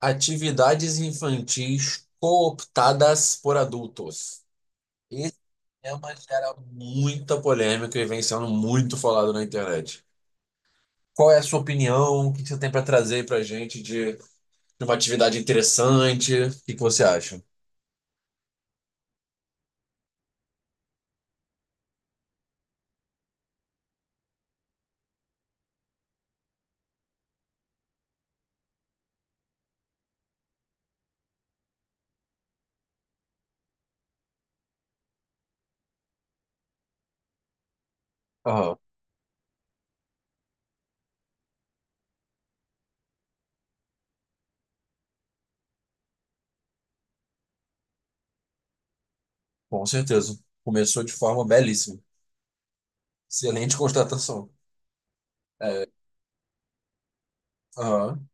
Atividades infantis cooptadas por adultos. Esse tema gera muita polêmica e vem sendo muito falado na internet. Qual é a sua opinião? O que você tem para trazer para gente de uma atividade interessante? O que que você acha? Aham, com certeza. Começou de forma belíssima. Excelente constatação. Aham,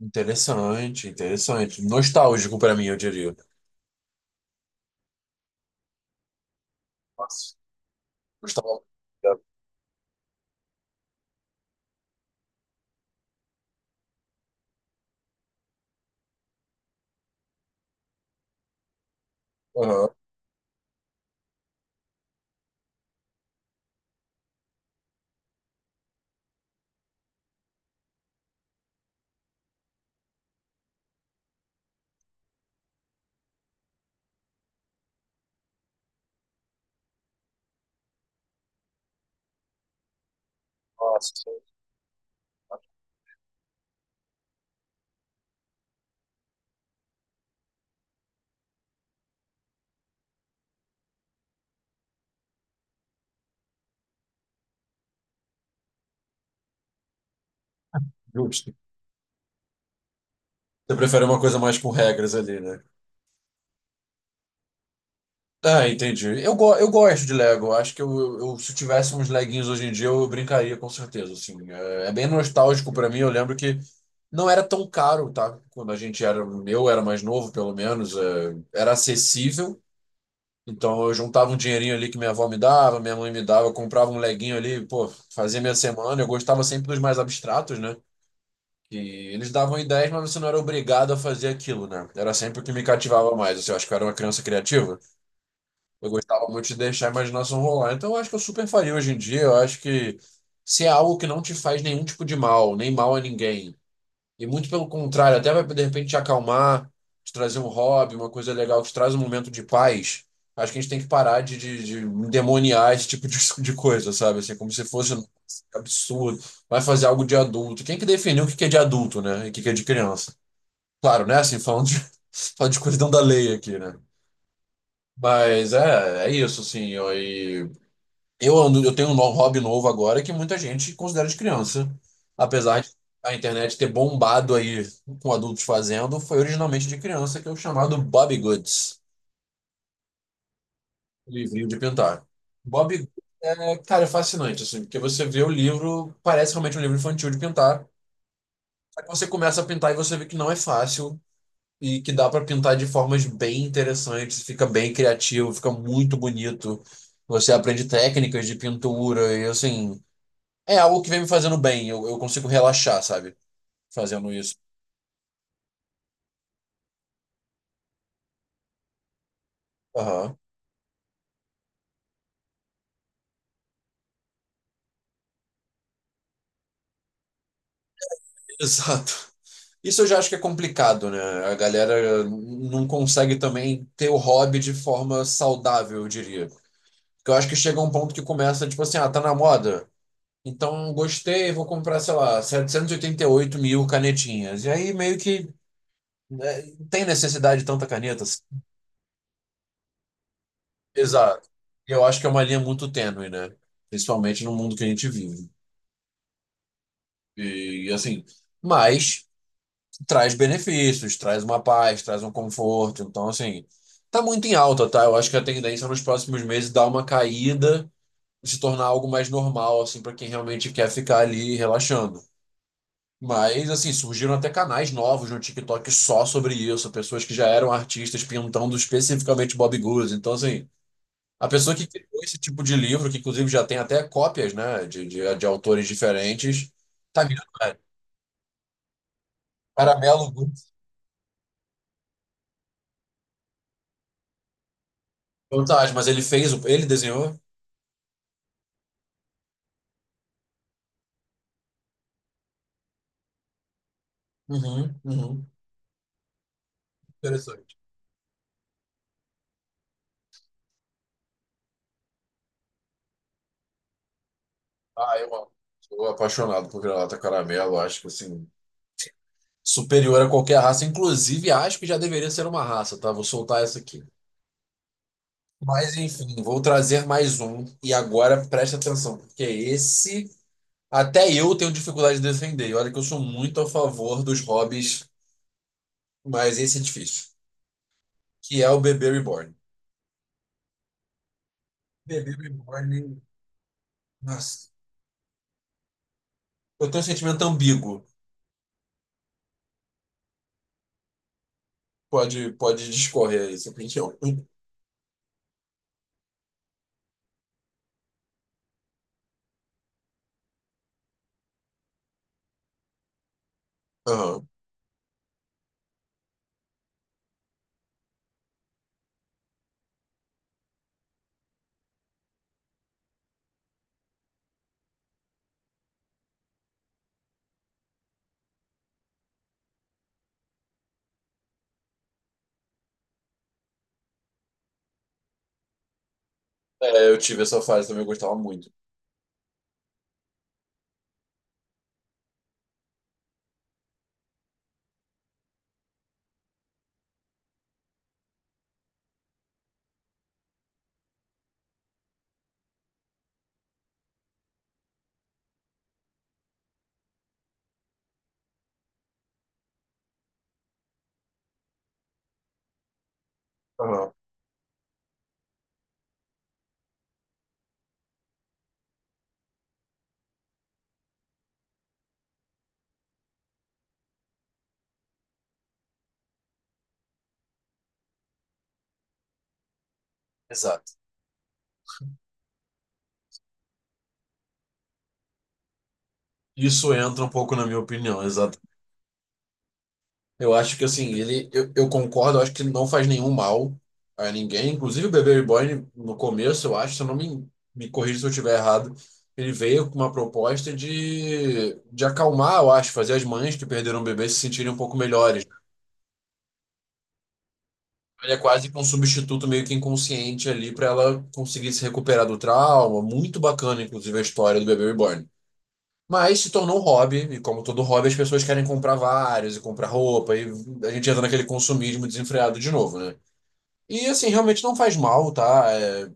interessante, interessante. Nostálgico para mim, eu diria. Nossa, gostava. Aham, nossa. Justo. Você prefere uma coisa mais com regras ali, né? Ah, entendi. Eu gosto de Lego. Acho que se eu tivesse uns leguinhos hoje em dia, eu brincaria com certeza. Assim, é, é bem nostálgico pra mim. Eu lembro que não era tão caro, tá? Quando a gente era, eu era mais novo, pelo menos, é, era acessível. Então eu juntava um dinheirinho ali que minha avó me dava, minha mãe me dava, eu comprava um leguinho ali, pô, fazia minha semana. Eu gostava sempre dos mais abstratos, né? Que eles davam ideias, mas você não era obrigado a fazer aquilo, né? Era sempre o que me cativava mais. Assim, eu acho que eu era uma criança criativa. Eu gostava muito de deixar a imaginação rolar. Então, eu acho que eu super faria hoje em dia. Eu acho que se é algo que não te faz nenhum tipo de mal, nem mal a ninguém, e muito pelo contrário, até vai de repente te acalmar, te trazer um hobby, uma coisa legal que te traz um momento de paz. Acho que a gente tem que parar de endemoniar esse tipo de, de coisa, sabe? Assim, como se fosse absurdo. Vai fazer algo de adulto. Quem que definiu o que que é de adulto, né? E o que que é de criança? Claro, né? Assim, falando de, falando de colisão da lei aqui, né? Mas é, é isso, assim. Eu, e eu, ando- Eu tenho um hobby novo agora que muita gente considera de criança. Apesar de a internet ter bombado aí com adultos fazendo, foi originalmente de criança, que é o chamado Bobbie Goods, livrinho de pintar. Bobbie Goods é, cara, é fascinante, assim, porque você vê o livro, parece realmente um livro infantil de pintar. Você começa a pintar e você vê que não é fácil e que dá para pintar de formas bem interessantes, fica bem criativo, fica muito bonito. Você aprende técnicas de pintura e assim, é algo que vem me fazendo bem. Eu consigo relaxar, sabe? Fazendo isso. Aham. Exato. Isso eu já acho que é complicado, né? A galera não consegue também ter o hobby de forma saudável, eu diria. Porque eu acho que chega um ponto que começa, tipo assim, ah, tá na moda. Então, gostei, vou comprar, sei lá, setecentos e oitenta e oito mil canetinhas. E aí, meio que né, não tem necessidade de tanta caneta. Assim. Exato. Eu acho que é uma linha muito tênue, né? Principalmente no mundo que a gente vive. E, assim, mas traz benefícios, traz uma paz, traz um conforto. Então, assim, tá muito em alta, tá? Eu acho que a tendência nos próximos meses é dar uma caída, se tornar algo mais normal, assim, para quem realmente quer ficar ali relaxando. Mas, assim, surgiram até canais novos no TikTok só sobre isso, pessoas que já eram artistas pintando especificamente Bob Goods. Então, assim, a pessoa que criou esse tipo de livro, que inclusive já tem até cópias, né, de autores diferentes, tá virando, né? Caramelo Goods. Fantástico, mas ele fez, o- ele desenhou? Uhum, uhum. Interessante. Ah, eu amo. Sou apaixonado por granata caramelo, acho que, assim, superior a qualquer raça. Inclusive, acho que já deveria ser uma raça, tá? Vou soltar essa aqui. Mas enfim, vou trazer mais um. E agora presta atenção, porque esse até eu tenho dificuldade de defender. E olha que eu sou muito a favor dos hobbies, mas esse é difícil. Que é o bebê reborn. Bebê reborn, nossa. Eu tenho um sentimento ambíguo. Pode, pode discorrer aí, sua opinião. Aham. É, eu tive essa fase também, eu gostava muito. Aham. Exato. Isso entra um pouco na minha opinião. Eu acho que assim, eu concordo, eu acho que ele não faz nenhum mal a ninguém. Inclusive o Bebê Reborn, no começo, eu acho, se eu não me corrija se eu estiver errado, ele veio com uma proposta de acalmar, eu acho, fazer as mães que perderam o bebê se sentirem um pouco melhores. Ele é quase que um substituto meio que inconsciente ali para ela conseguir se recuperar do trauma. Muito bacana, inclusive, a história do Bebê Reborn. Mas se tornou um hobby, e como todo hobby, as pessoas querem comprar vários e comprar roupa, e a gente entra naquele consumismo desenfreado de novo, né? E assim, realmente não faz mal, tá? É,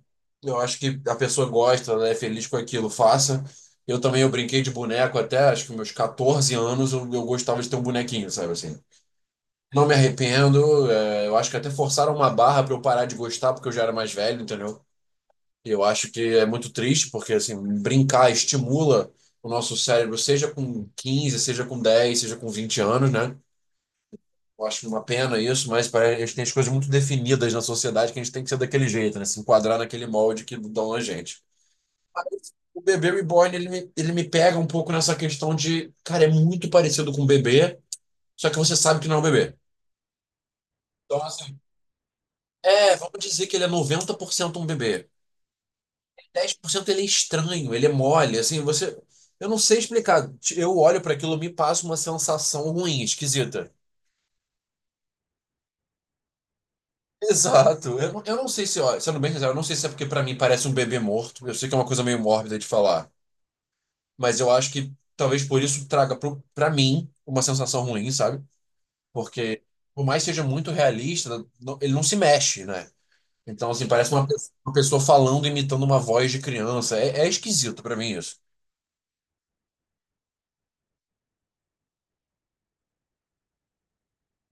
eu acho que a pessoa gosta, ela é feliz com aquilo, faça. Eu também, eu brinquei de boneco até, acho que meus 14 anos, eu gostava de ter um bonequinho, sabe assim? Não me arrependo, é, eu acho que até forçaram uma barra pra eu parar de gostar, porque eu já era mais velho, entendeu? E eu acho que é muito triste, porque assim, brincar estimula o nosso cérebro, seja com 15 seja com 10 seja com 20 anos, né? Eu acho uma pena isso, mas parece, que a gente tem as coisas muito definidas na sociedade que a gente tem que ser daquele jeito, né? Se enquadrar naquele molde que dão a gente. Mas o bebê reborn, ele me pega um pouco nessa questão de, cara, é muito parecido com um bebê, só que você sabe que não é um bebê. Então, assim, é, vamos dizer que ele é 90% um bebê. 10% ele é estranho, ele é mole, assim, você. Eu não sei explicar. Eu olho para aquilo, e me passa uma sensação ruim, esquisita. Exato. Eu, eu não sei se, ó, sendo bem sincero, eu não sei se é porque pra mim parece um bebê morto. Eu sei que é uma coisa meio mórbida de falar, mas eu acho que talvez por isso traga pra mim uma sensação ruim, sabe? Porque por mais que seja muito realista, ele não se mexe, né? Então, assim, parece uma pessoa falando, imitando uma voz de criança. É, é esquisito pra mim isso.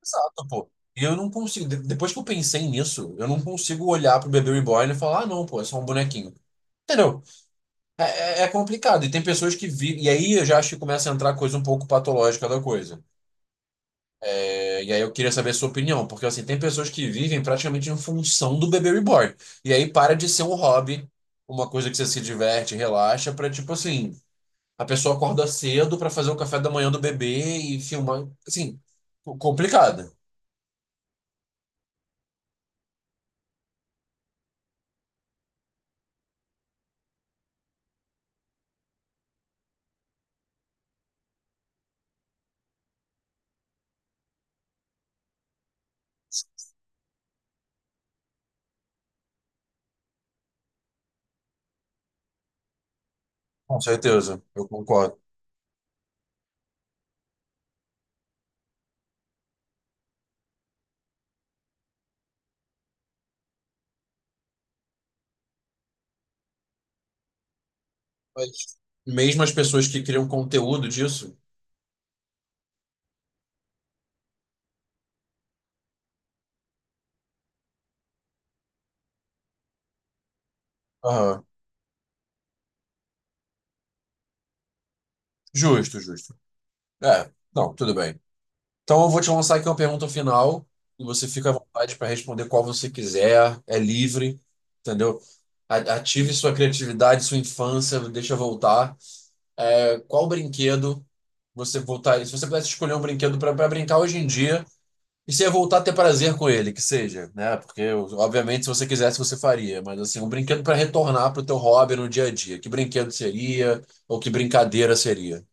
Exato, pô. E eu não consigo, depois que eu pensei nisso, eu não consigo olhar pro bebê reborn e falar, ah, não, pô, é só um bonequinho. Entendeu? É, é complicado. E tem pessoas que vivem. E aí eu já acho que começa a entrar coisa um pouco patológica da coisa. É, e aí eu queria saber a sua opinião, porque assim, tem pessoas que vivem praticamente em função do bebê reborn. E aí para de ser um hobby, uma coisa que você se diverte, relaxa, pra tipo assim, a pessoa acorda cedo pra fazer o café da manhã do bebê e filmar. Assim, complicado. Com certeza, eu concordo. Mas mesmo as pessoas que criam conteúdo disso. Aham. Justo, justo. É, não, tudo bem. Então, eu vou te lançar aqui uma pergunta final e você fica à vontade para responder qual você quiser, é livre, entendeu? Ative sua criatividade, sua infância, deixa voltar. É, qual brinquedo você voltar? Se você pudesse escolher um brinquedo para brincar hoje em dia e se ia voltar a ter prazer com ele, que seja, né? Porque, obviamente, se você quisesse, você faria. Mas, assim, um brinquedo para retornar para o teu hobby no dia a dia. Que brinquedo seria? Ou que brincadeira seria?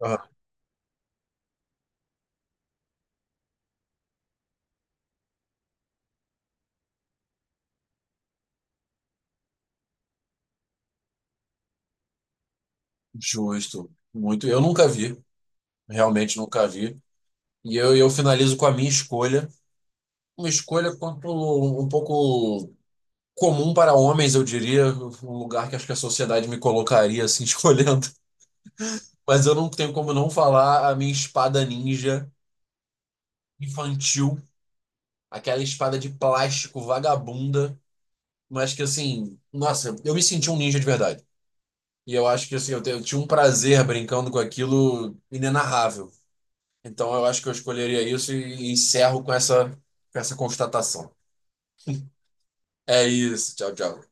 Ah, justo. Muito. Eu nunca vi. Realmente nunca vi. E eu finalizo com a minha escolha. Uma escolha quanto um pouco comum para homens, eu diria, um lugar que acho que a sociedade me colocaria assim escolhendo. Mas eu não tenho como não falar a minha espada ninja infantil, aquela espada de plástico vagabunda, mas que assim, nossa, eu me senti um ninja de verdade. E eu acho que assim, eu, eu tinha um prazer brincando com aquilo inenarrável. Então eu acho que eu escolheria isso e encerro com essa constatação. É isso, tchau, tchau.